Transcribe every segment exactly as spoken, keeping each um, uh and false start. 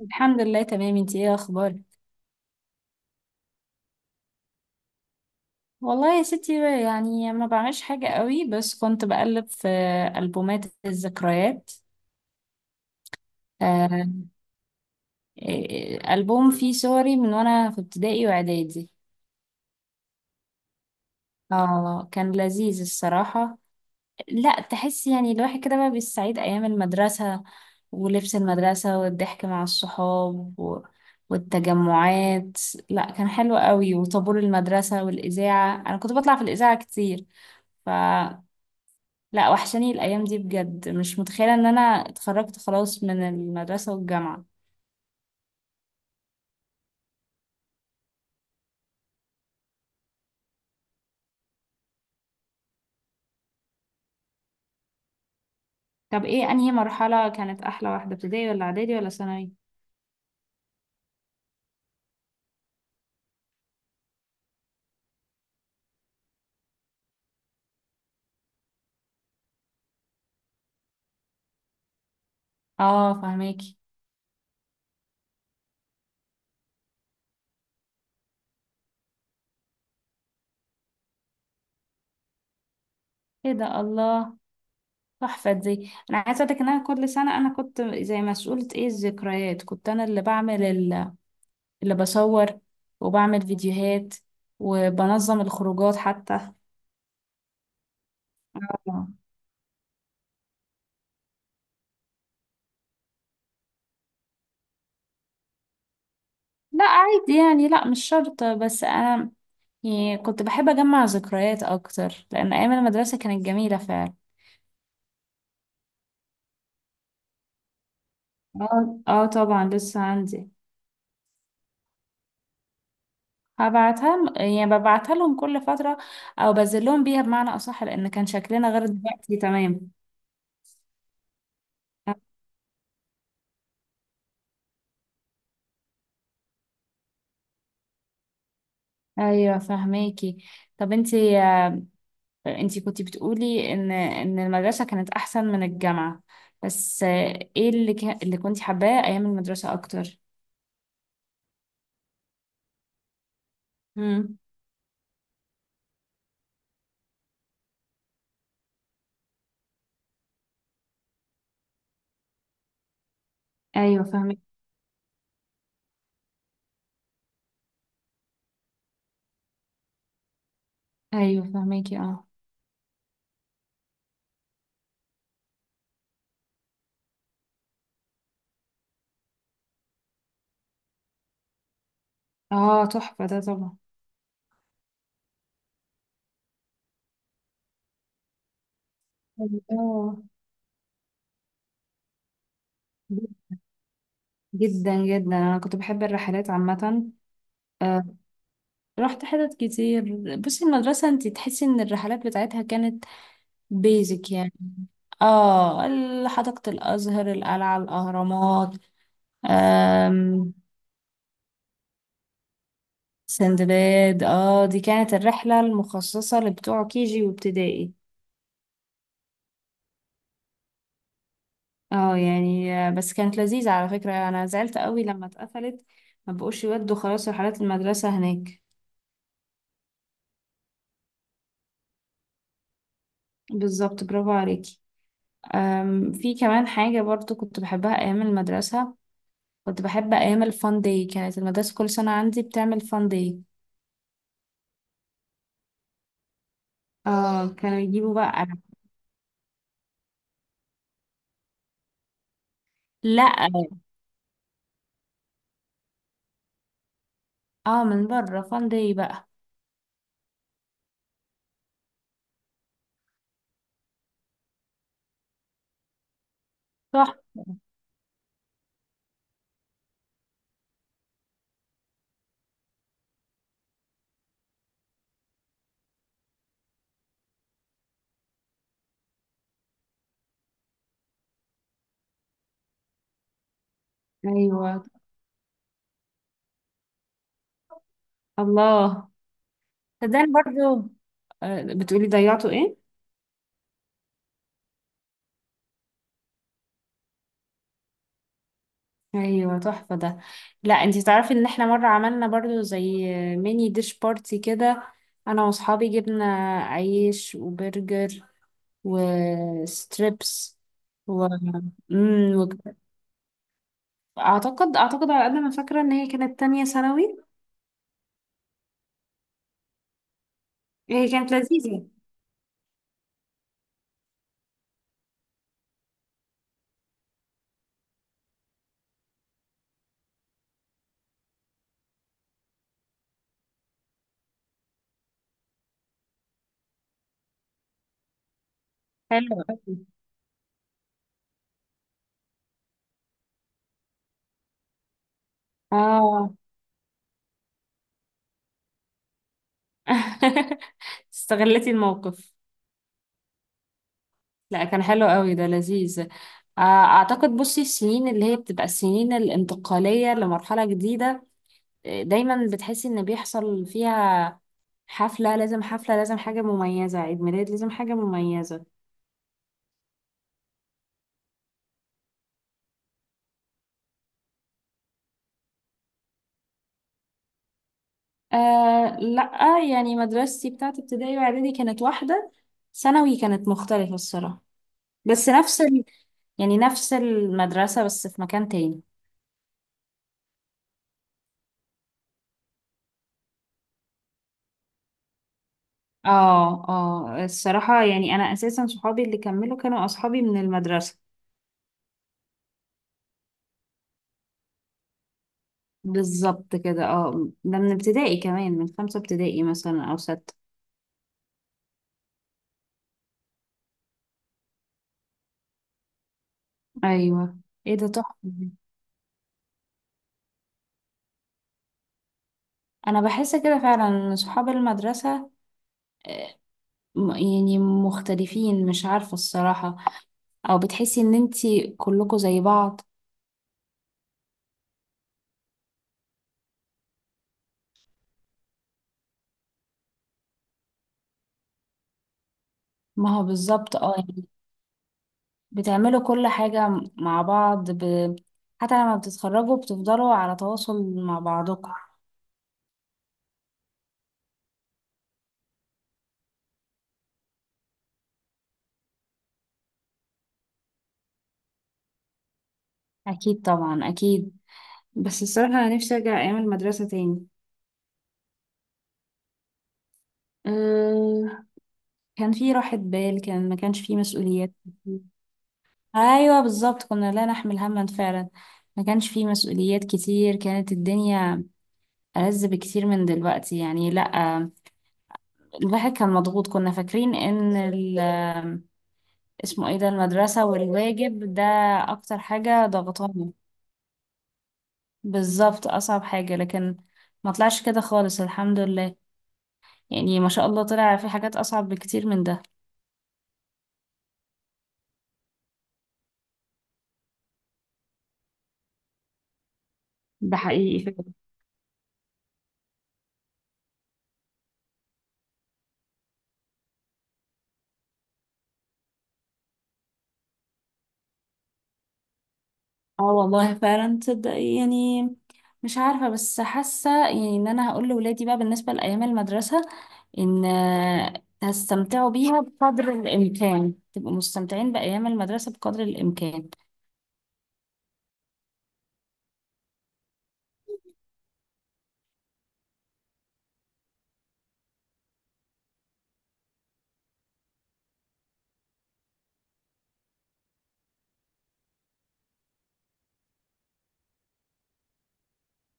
الحمد لله، تمام. انتي ايه اخبارك؟ والله يا ستي، يعني ما بعملش حاجة قوي، بس كنت بقلب في ألبومات الذكريات. آه، إيه، ألبوم فيه صوري من وانا في ابتدائي واعدادي. اه، كان لذيذ الصراحة. لا، تحس يعني الواحد كده بقى بالسعيد، ايام المدرسة ولبس المدرسة والضحك مع الصحاب و... والتجمعات. لا، كان حلو قوي، وطابور المدرسة والإذاعة. أنا كنت بطلع في الإذاعة كتير. ف لا، وحشاني الأيام دي بجد. مش متخيلة إن أنا اتخرجت خلاص من المدرسة والجامعة. طب إيه أنهي مرحلة كانت أحلى واحدة، ابتدائي ولا إعدادي ولا ثانوي؟ آه، فهماكي. إيه ده، الله! تحفة دي. أنا عايزة أقولك إن أنا كل سنة أنا كنت زي مسؤولة إيه الذكريات. كنت أنا اللي بعمل ال- اللي بصور، وبعمل فيديوهات، وبنظم الخروجات حتى. طبعا. لا عادي يعني، لا مش شرط، بس أنا يعني كنت بحب أجمع ذكريات أكتر لأن أيام المدرسة كانت جميلة فعلا. اه، اه، طبعا لسه عندي. هبعتها م- يعني ببعتها لهم كل فترة، او بنزل لهم بيها، بمعنى اصح، لان كان شكلنا غير دلوقتي تمام. ايوه، فهماكي. طب انتي انتي كنتي بتقولي ان ان المدرسة كانت احسن من الجامعة. بس آه، ايه اللي ك... اللي كنتي حباه ايام المدرسة اكتر؟ امم. ايوه، فهمك. ايوه، فهماكي، اه. اه، تحفة ده طبعا. اه، جدا جدا انا كنت بحب الرحلات عامة. آه، رحت حتت كتير. بصي، المدرسة انتي تحسي ان الرحلات بتاعتها كانت بيزك يعني. اه، ال- حديقة الأزهر، القلعة، الأهرامات. آم، سندباد، اه، دي كانت الرحلة المخصصة لبتوع كيجي وابتدائي. اه يعني، آه، بس كانت لذيذة، على فكرة أنا زعلت قوي لما اتقفلت. ما بقوش يودوا خلاص رحلات المدرسة هناك. بالظبط، برافو عليكي. آم، في كمان حاجة برضو كنت بحبها أيام المدرسة. كنت بحب ايام الفان داي، كانت المدرسه كل سنه عندي بتعمل فان داي. اه، كانوا يجيبوا بقى. لا، اه، من بره فان داي بقى. صح. ايوه، الله. صدقني برضو. آه، بتقولي ضيعتوا ايه؟ ايوه، تحفه ده. لا، انتي تعرفي ان احنا مره عملنا برضو زي ميني ديش بارتي كده. انا واصحابي جبنا عيش وبرجر وستريبس و... مم، اعتقد اعتقد، على قد ما فاكره، ان هي كانت تانية ثانوي. هي كانت لذيذه. حلوة أوي. اه. استغلتي الموقف. لا، كان حلو قوي، ده لذيذ. آه، اعتقد، بصي، السنين اللي هي بتبقى السنين الانتقاليه لمرحله جديده. آه، دايما بتحسي ان بيحصل فيها حفله، لازم حفله، لازم حاجه مميزه، عيد ميلاد لازم حاجه مميزه. آه، لا يعني مدرستي بتاعت ابتدائي واعدادي كانت واحده. ثانوي كانت مختلفه الصراحه. بس نفس يعني نفس المدرسة بس في مكان تاني. اه، اه، الصراحة يعني، انا اساسا صحابي اللي كملوا كانوا اصحابي من المدرسة. بالظبط كده، اه. ده من ابتدائي كمان، من خمسة ابتدائي مثلا أو ستة. ايوه. ايه ده، تحفة دي. أنا بحس كده فعلا إن صحاب المدرسة، م- يعني مختلفين، مش عارفة الصراحة. أو بتحسي إن انتي كلكوا زي بعض. ما هو بالظبط، اه. بتعملوا كل حاجة مع بعض. ب... حتى لما بتتخرجوا بتفضلوا على تواصل مع بعضكم. أكيد، طبعا، أكيد. بس الصراحة أنا نفسي أرجع أيام المدرسة تاني. أه... كان في راحة بال، كان ما كانش في مسؤوليات كتير. أيوة بالظبط، كنا لا نحمل هما فعلا. ما كانش في مسؤوليات كتير، كانت الدنيا ألذ بكتير من دلوقتي يعني. لأ، الواحد كان مضغوط. كنا فاكرين إن ال... اسمه ايه ده، المدرسة والواجب ده، اكتر حاجة ضغطاني. بالظبط، اصعب حاجة. لكن ما طلعش كده خالص الحمد لله. يعني ما شاء الله، طلع في حاجات اصعب بكتير من ده. ده حقيقي فعلا. اه والله، فعلا، تصدق يعني. مش عارفة، بس حاسة يعني ان انا هقول لولادي بقى بالنسبة لأيام المدرسة ان آه، هستمتعوا بيها بقدر الامكان. تبقوا مستمتعين بأيام المدرسة بقدر الامكان.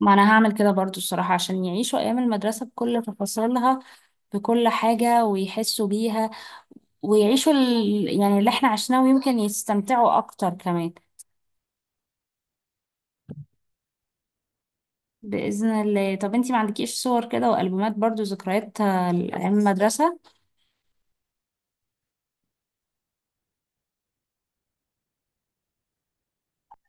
ما انا هعمل كده برضو الصراحة، عشان يعيشوا ايام المدرسة بكل تفاصيلها، في كل حاجة، ويحسوا بيها، ويعيشوا ال... يعني اللي احنا عشناه، ويمكن يستمتعوا أكتر كمان. بإذن الله. طب انتي ما عندكيش صور كده وألبومات برضو، ذكريات آه، أيام المدرسة؟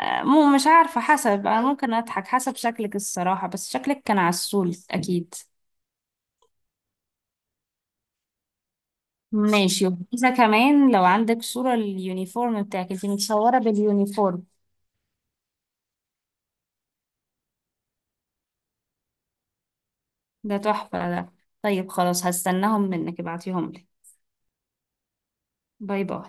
آه، مو مش عارفة، حسب. أنا ممكن أضحك حسب شكلك الصراحة، بس شكلك كان عسول أكيد. ماشي. وإذا كمان لو عندك صورة اليونيفورم بتاعك، انتي متصورة باليونيفورم؟ ده تحفة ده. طيب خلاص، هستناهم منك، ابعتيهم لي. باي باي.